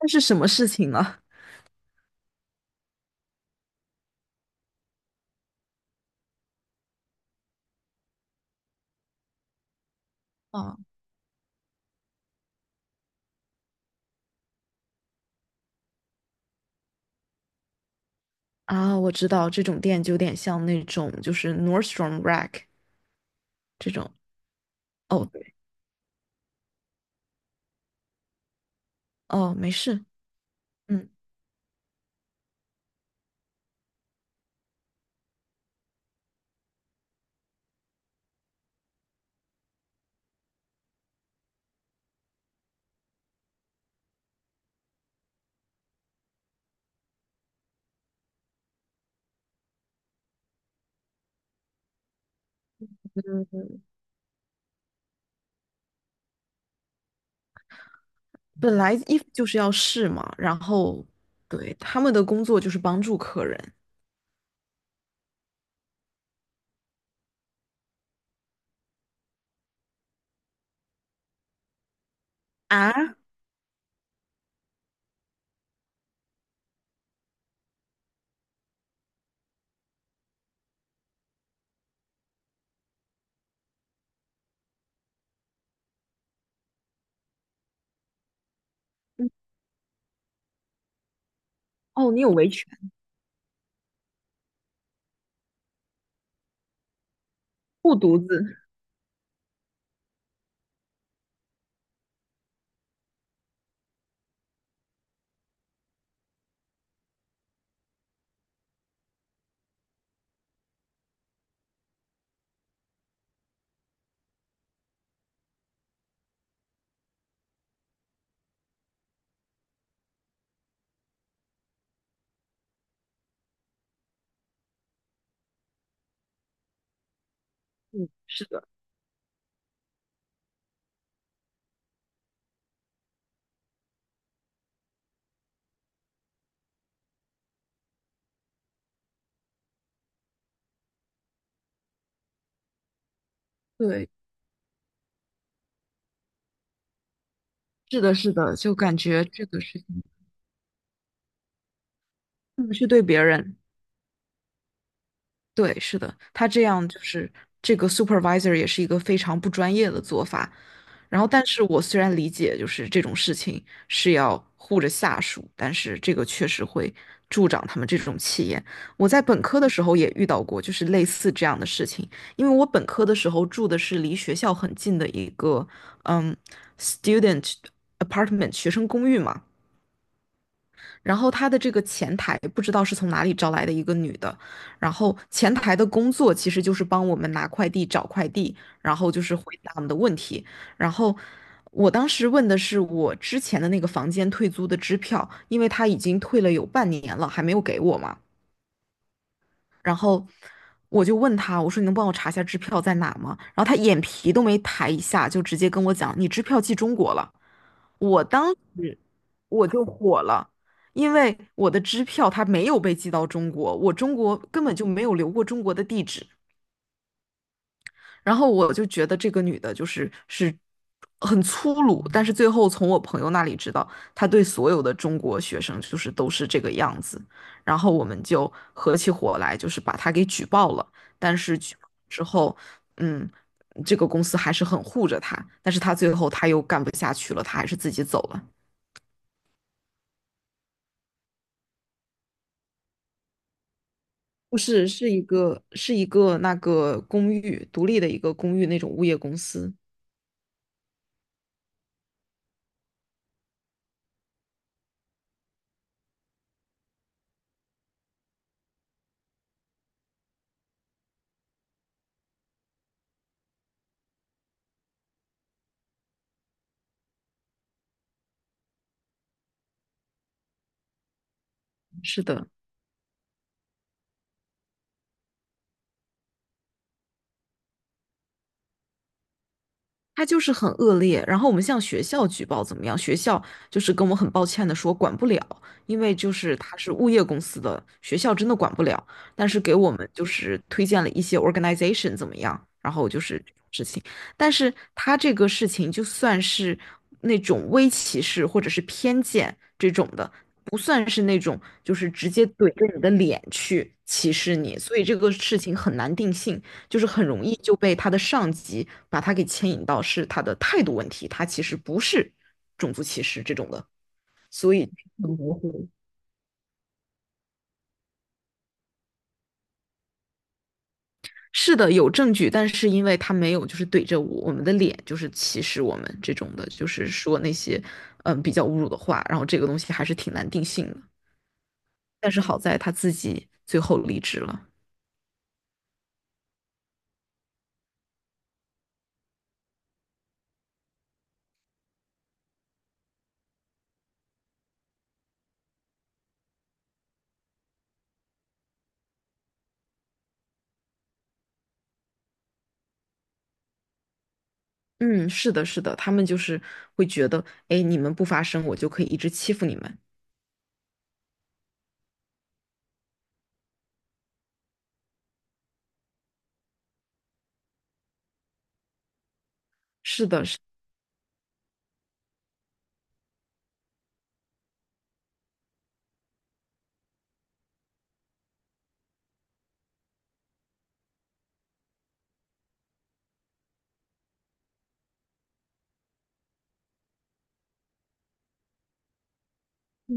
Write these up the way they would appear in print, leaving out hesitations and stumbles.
那是什么事情呢？哦我知道这种店就有点像那种就是 Nordstrom Rack 这种。哦，对。哦，没事。嗯。嗯，本来衣服就是要试嘛，然后对，他们的工作就是帮助客人。啊。嗯。哦，你有维权，护犊子。嗯，是的。对，是的，是的，就感觉这个事情，特别是对别人。对，是的，他这样就是这个 supervisor 也是一个非常不专业的做法。然后，但是我虽然理解就是这种事情是要护着下属，但是这个确实会助长他们这种气焰。我在本科的时候也遇到过，就是类似这样的事情。因为我本科的时候住的是离学校很近的一个嗯 student apartment 学生公寓嘛，然后他的这个前台不知道是从哪里招来的一个女的，然后前台的工作其实就是帮我们拿快递、找快递，然后就是回答我们的问题。然后我当时问的是我之前的那个房间退租的支票，因为他已经退了有半年了，还没有给我嘛。然后我就问他，我说你能帮我查一下支票在哪吗？然后他眼皮都没抬一下，就直接跟我讲，你支票寄中国了。我就火了，因为我的支票它没有被寄到中国，我中国根本就没有留过中国的地址。然后我就觉得这个女的就是很粗鲁，但是最后从我朋友那里知道，她对所有的中国学生就是都是这个样子。然后我们就合起伙来，就是把她给举报了。但是举报之后，嗯，这个公司还是很护着她，但是她最后又干不下去了，她还是自己走了。不是，是一个那个公寓，独立的一个公寓那种物业公司。是的，他就是很恶劣，然后我们向学校举报怎么样？学校就是跟我很抱歉的说管不了，因为就是他是物业公司的，学校真的管不了。但是给我们就是推荐了一些 organization 怎么样，然后就是这种事情。但是他这个事情就算是那种微歧视或者是偏见这种的，不算是那种就是直接怼着你的脸去歧视你，所以这个事情很难定性。就是很容易就被他的上级把他给牵引到是他的态度问题，他其实不是种族歧视这种的。所以很模糊。是的，有证据，但是因为他没有就是怼着我们的脸，就是歧视我们这种的，就是说那些比较侮辱的话，然后这个东西还是挺难定性的。但是好在他自己最后离职了。嗯，是的，是的，他们就是会觉得，哎，你们不发声，我就可以一直欺负你们。是的，是。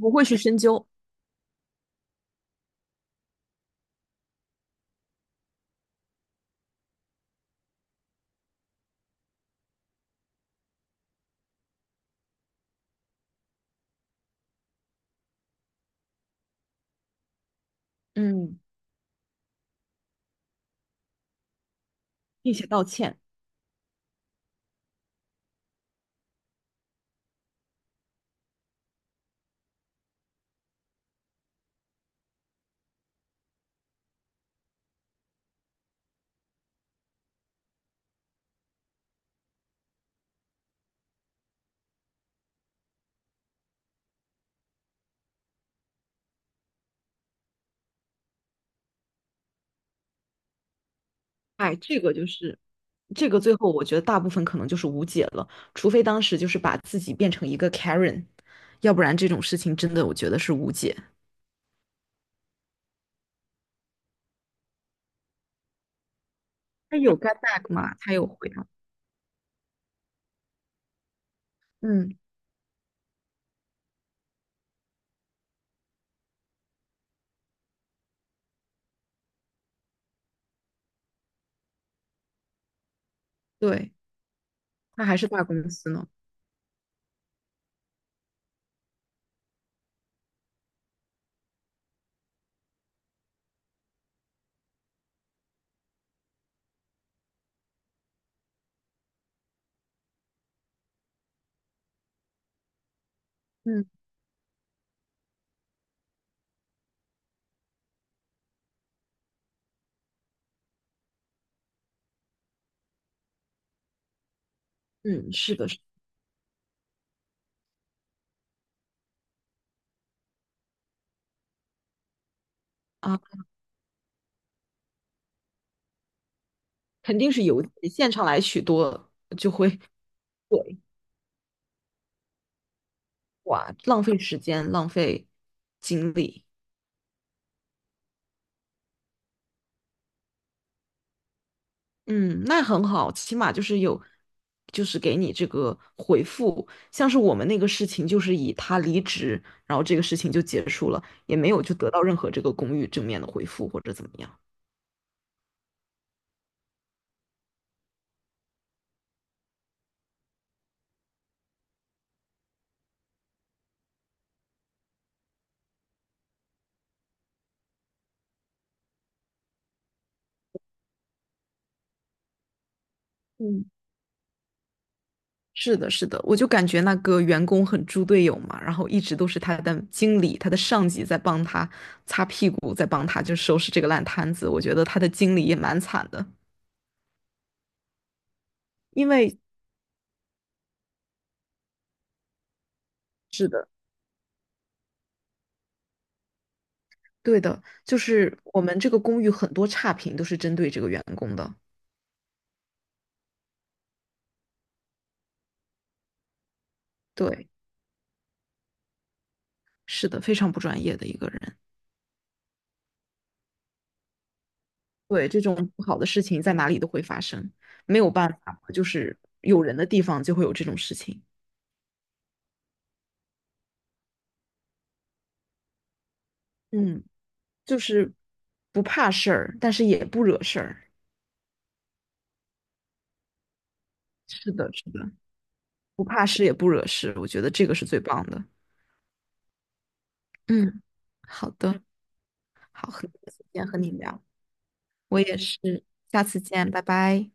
不会去深究。嗯，并且道歉。哎，这个，最后我觉得大部分可能就是无解了，除非当时就是把自己变成一个 Karen，要不然这种事情真的我觉得是无解。他有 get back 吗？他有回他。嗯，对。他还是大公司呢。嗯嗯，是的，是啊，肯定是邮寄，现场来许多。对。哇，浪费时间，浪费精力。嗯，那很好，起码就是有，就是给你这个回复。像是我们那个事情，就是以他离职，然后这个事情就结束了，也没有就得到任何这个公寓正面的回复或者怎么样。嗯，是的，是的，我就感觉那个员工很猪队友嘛，然后一直都是他的经理、他的上级在帮他擦屁股，在帮他就收拾这个烂摊子。我觉得他的经理也蛮惨的，因为是的。对的，就是我们这个公寓很多差评都是针对这个员工的。对，是的，非常不专业的一个人。对，这种不好的事情在哪里都会发生，没有办法，就是有人的地方就会有这种事情。嗯，就是不怕事儿，但是也不惹事儿。是的，是的，不怕事也不惹事，我觉得这个是最棒的。嗯，好的。好，很开心今天和你聊，我也是，下次见，拜拜。